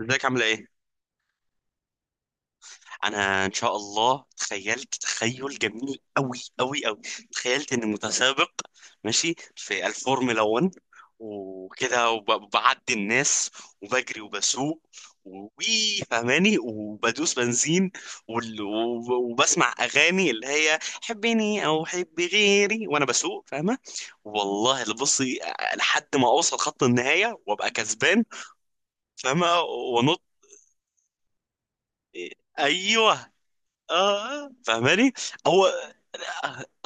ازيك عامله ايه؟ انا ان شاء الله تخيلت تخيل جميل قوي قوي قوي. تخيلت اني متسابق ماشي في الفورمولا 1، وكده وبعدي الناس، وبجري وبسوق وي فهماني وبدوس بنزين، وبسمع اغاني اللي هي حبني او حبي غيري وانا بسوق، فاهمه؟ والله اللي بصي لحد ما اوصل خط النهايه وابقى كسبان، فاهمه؟ وانط. ايوه، آه، فاهماني. هو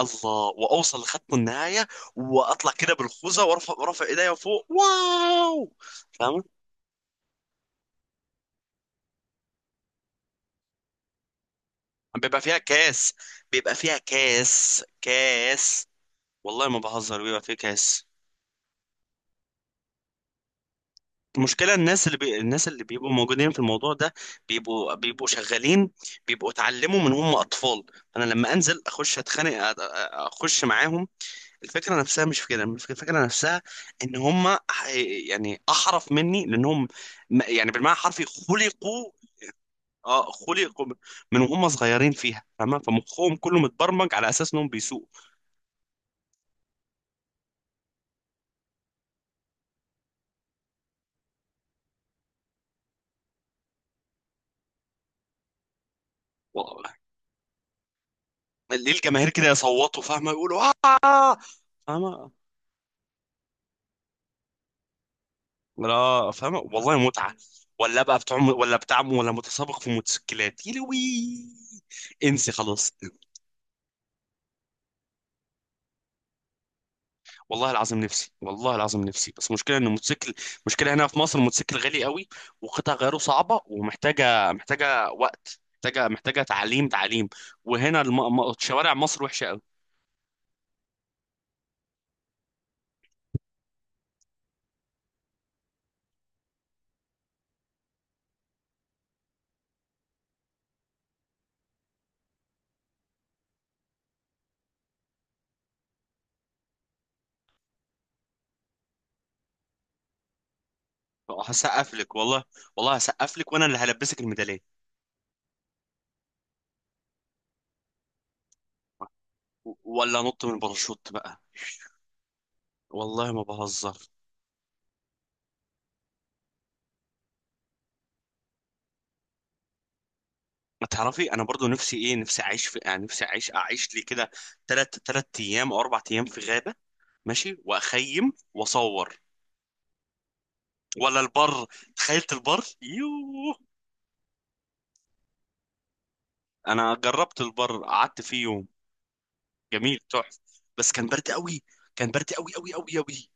الله. واوصل لخط النهايه واطلع كده بالخوذه وارفع رافع ايديا فوق، واو، فاهم؟ بيبقى فيها كاس. بيبقى فيها كاس كاس. والله ما بهزر، بيبقى فيه كاس. المشكله، الناس اللي بيبقوا موجودين في الموضوع ده بيبقوا شغالين، بيبقوا اتعلموا من هم اطفال. انا لما انزل اخش اتخانق اخش معاهم. الفكرة نفسها مش في كده، الفكرة نفسها ان هم يعني احرف مني، لانهم يعني بالمعنى الحرفي خلقوا. اه، خلقوا من وهم صغيرين فيها، فاهمة؟ فمخهم كله متبرمج على اساس انهم بيسوقوا. والله ليه الجماهير كده يصوتوا، فاهمة، يقولوا اه. فاهمة؟ لا، فاهمة، والله متعة. ولا بقى بتاع، ولا بتاع، ولا متسابق في موتوسيكلات يلوي. انسي خلاص. والله العظيم نفسي، والله العظيم نفسي، بس مشكلة ان الموتوسيكل، مشكلة هنا في مصر الموتوسيكل غالي قوي، وقطع غيره صعبة، ومحتاجة وقت، محتاجة تعليم تعليم. وهنا شوارع مصر وحشة قوي. هسقف لك والله. والله هسقف لك، وانا اللي هلبسك الميدالية. ولا نط من الباراشوت بقى. والله ما بهزر. ما تعرفي، انا برضو نفسي ايه؟ نفسي اعيش في، يعني نفسي اعيش اعيش لي كده تلات تلات ايام او اربع ايام في غابة، ماشي، واخيم واصور. ولا البر، تخيلت البر، يوه. انا جربت البر، قعدت فيه يوم. جميل تحفه. بس كان برد قوي. كان برد قوي قوي قوي قوي.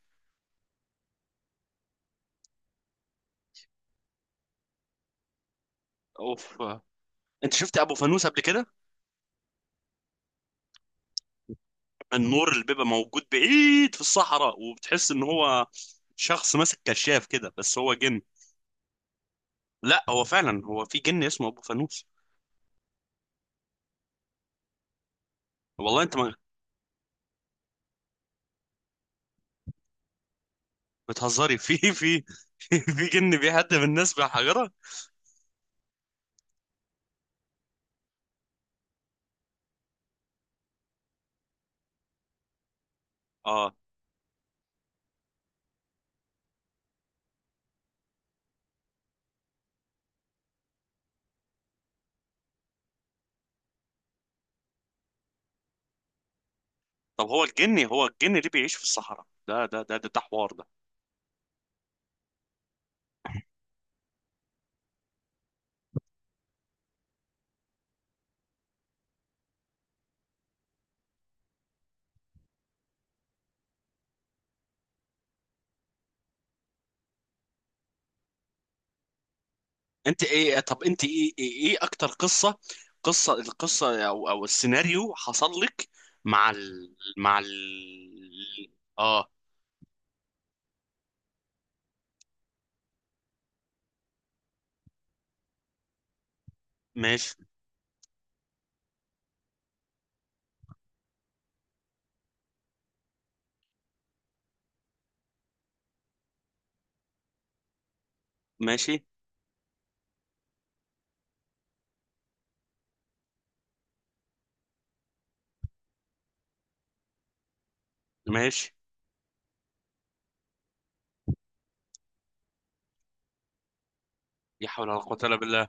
اوف. انت شفت ابو فانوس قبل كده؟ النور اللي بيبقى موجود بعيد في الصحراء وبتحس ان هو شخص ماسك كشاف كده، بس هو جن. لا، هو فعلا، هو في جن اسمه ابو فانوس. والله انت ما بتهزري. في في في جن بيهدم الناس بحجره. اه. طب هو الجن، هو الجن اللي بيعيش في الصحراء ده, حوار ده. انت ايه؟ طب انت ايه إيه اكتر قصه، قصه القصه او السيناريو حصل لك مع ال... مع ال... اه؟ ماشي ماشي ماشي. يا حول ولا قوه الا بالله.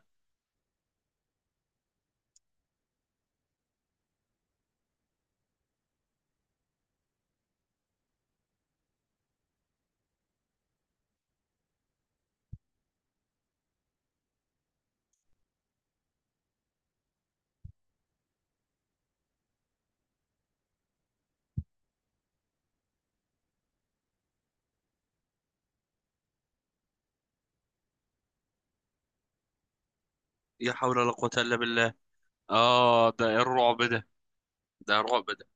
يا حول ولا قوه الا بالله. اه، ده إيه الرعب ده؟ ده رعب ده.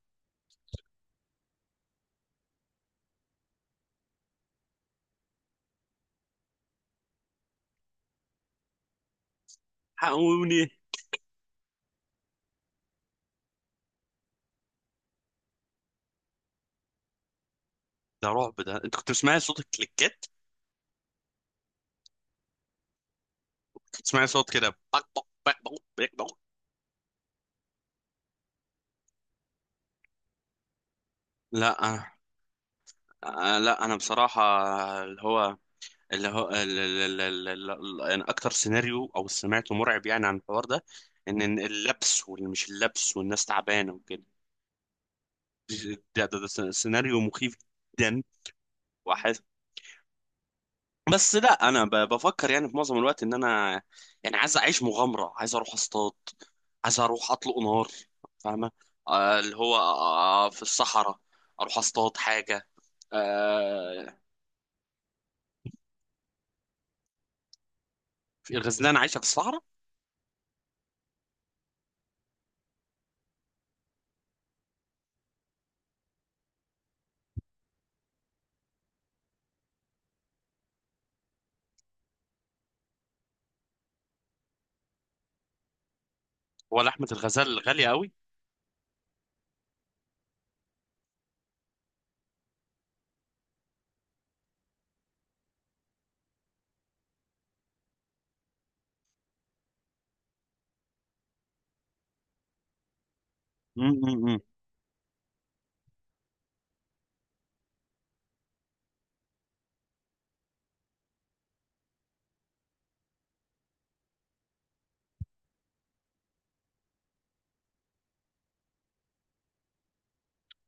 حقوني. ده رعب ده. انت كنت بتسمعي صوت الكليكات؟ كنت بتسمعي صوت كده، بق بق بق بق، بق بق. لا، لا، انا بصراحه اللي هو، اللي هو يعني اكتر سيناريو او سمعته مرعب يعني عن الحوار ده، إن اللبس، واللي مش اللبس والناس تعبانه وكده، سيناريو مخيف جدا. واحد. بس لا، انا بفكر يعني في معظم الوقت ان انا، يعني عايز اعيش مغامره، عايز اروح اصطاد، عايز اروح اطلق نار. فاهمه؟ اللي هو في الصحراء، اروح اصطاد حاجه. آه، في الغزلان عايشه في الصحراء. هو لحمه الغزال غاليه قوي.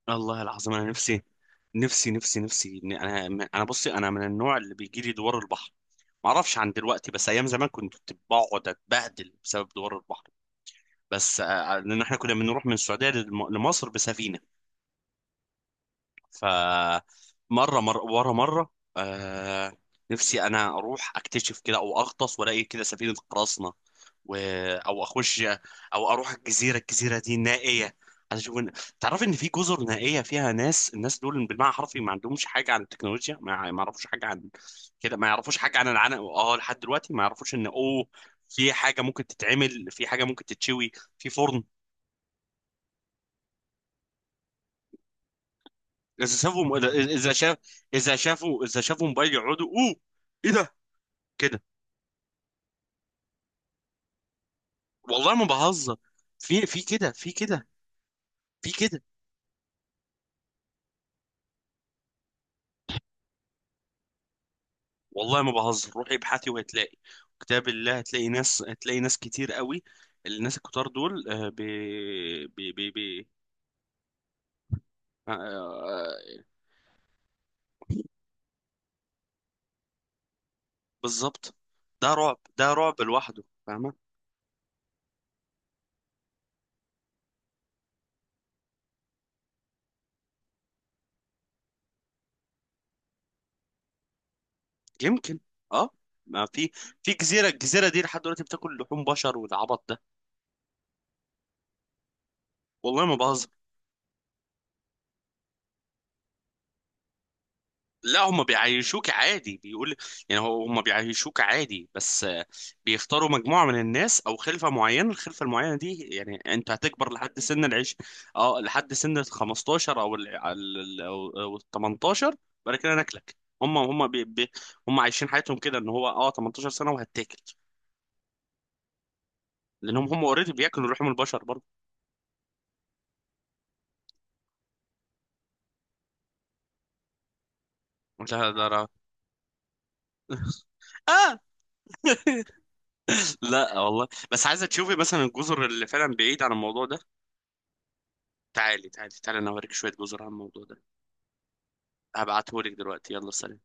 والله العظيم انا نفسي، نفسي نفسي نفسي إن انا بصي، انا من النوع اللي بيجي لي دوار البحر. ما اعرفش عن دلوقتي، بس ايام زمان كنت بقعد اتبهدل بسبب دوار البحر. بس لان احنا كنا بنروح من السعوديه لمصر بسفينه، فمره مره ورا مره. آه. نفسي انا اروح اكتشف كده، او اغطس والاقي كده سفينه قراصنه، و... او اخش، او اروح الجزيره، الجزيره دي نائيه. عايز اشوف إن... تعرف ان في جزر نائيه فيها ناس، الناس دول بالمعنى الحرفي ما عندهمش حاجه عن التكنولوجيا، ما يعرفوش حاجه عن كده، ما يعرفوش حاجه عن العنق. اه، لحد دلوقتي ما يعرفوش ان اوه، في حاجه ممكن تتعمل، في حاجه ممكن تتشوي في فرن. اذا شافوا اذا إذا شاف، اذا شافوا موبايل يقعدوا اوه، ايه ده، كده. والله ما بهزر، في في كده في كده في كده. والله ما بهزر، روحي ابحثي وهتلاقي. كتاب الله، هتلاقي ناس، هتلاقي ناس كتير قوي. الناس الكتار دول آه، بي بي بي بي آه، آه، بالظبط. ده رعب، ده رعب لوحده، فاهمه؟ يمكن. اه، ما في، في جزيره، الجزيره دي لحد دلوقتي بتاكل لحوم بشر والعبط ده. والله ما بهزر. لا، هم بيعيشوك عادي، بيقول يعني هو، هم بيعيشوك عادي، بس بيختاروا مجموعة من الناس او خلفة معينة. الخلفة المعينة دي يعني انت هتكبر لحد سن العيش. اه، لحد سن ال 15 او ال ال- او أو ال 18، بعد كده ناكلك. هم هم بي بي هم عايشين حياتهم كده ان هو، اه، 18 سنة وهتاكل، لانهم هم اوريدي بياكلوا لحوم البشر برضه. لا لا لا. آه، لا والله، بس عايزة تشوفي مثلا الجزر اللي فعلا بعيد عن الموضوع ده. تعالي تعالي تعالي، انا اوريك شوية جزر عن الموضوع ده. هبعتهولك دلوقتي، يلا سلام.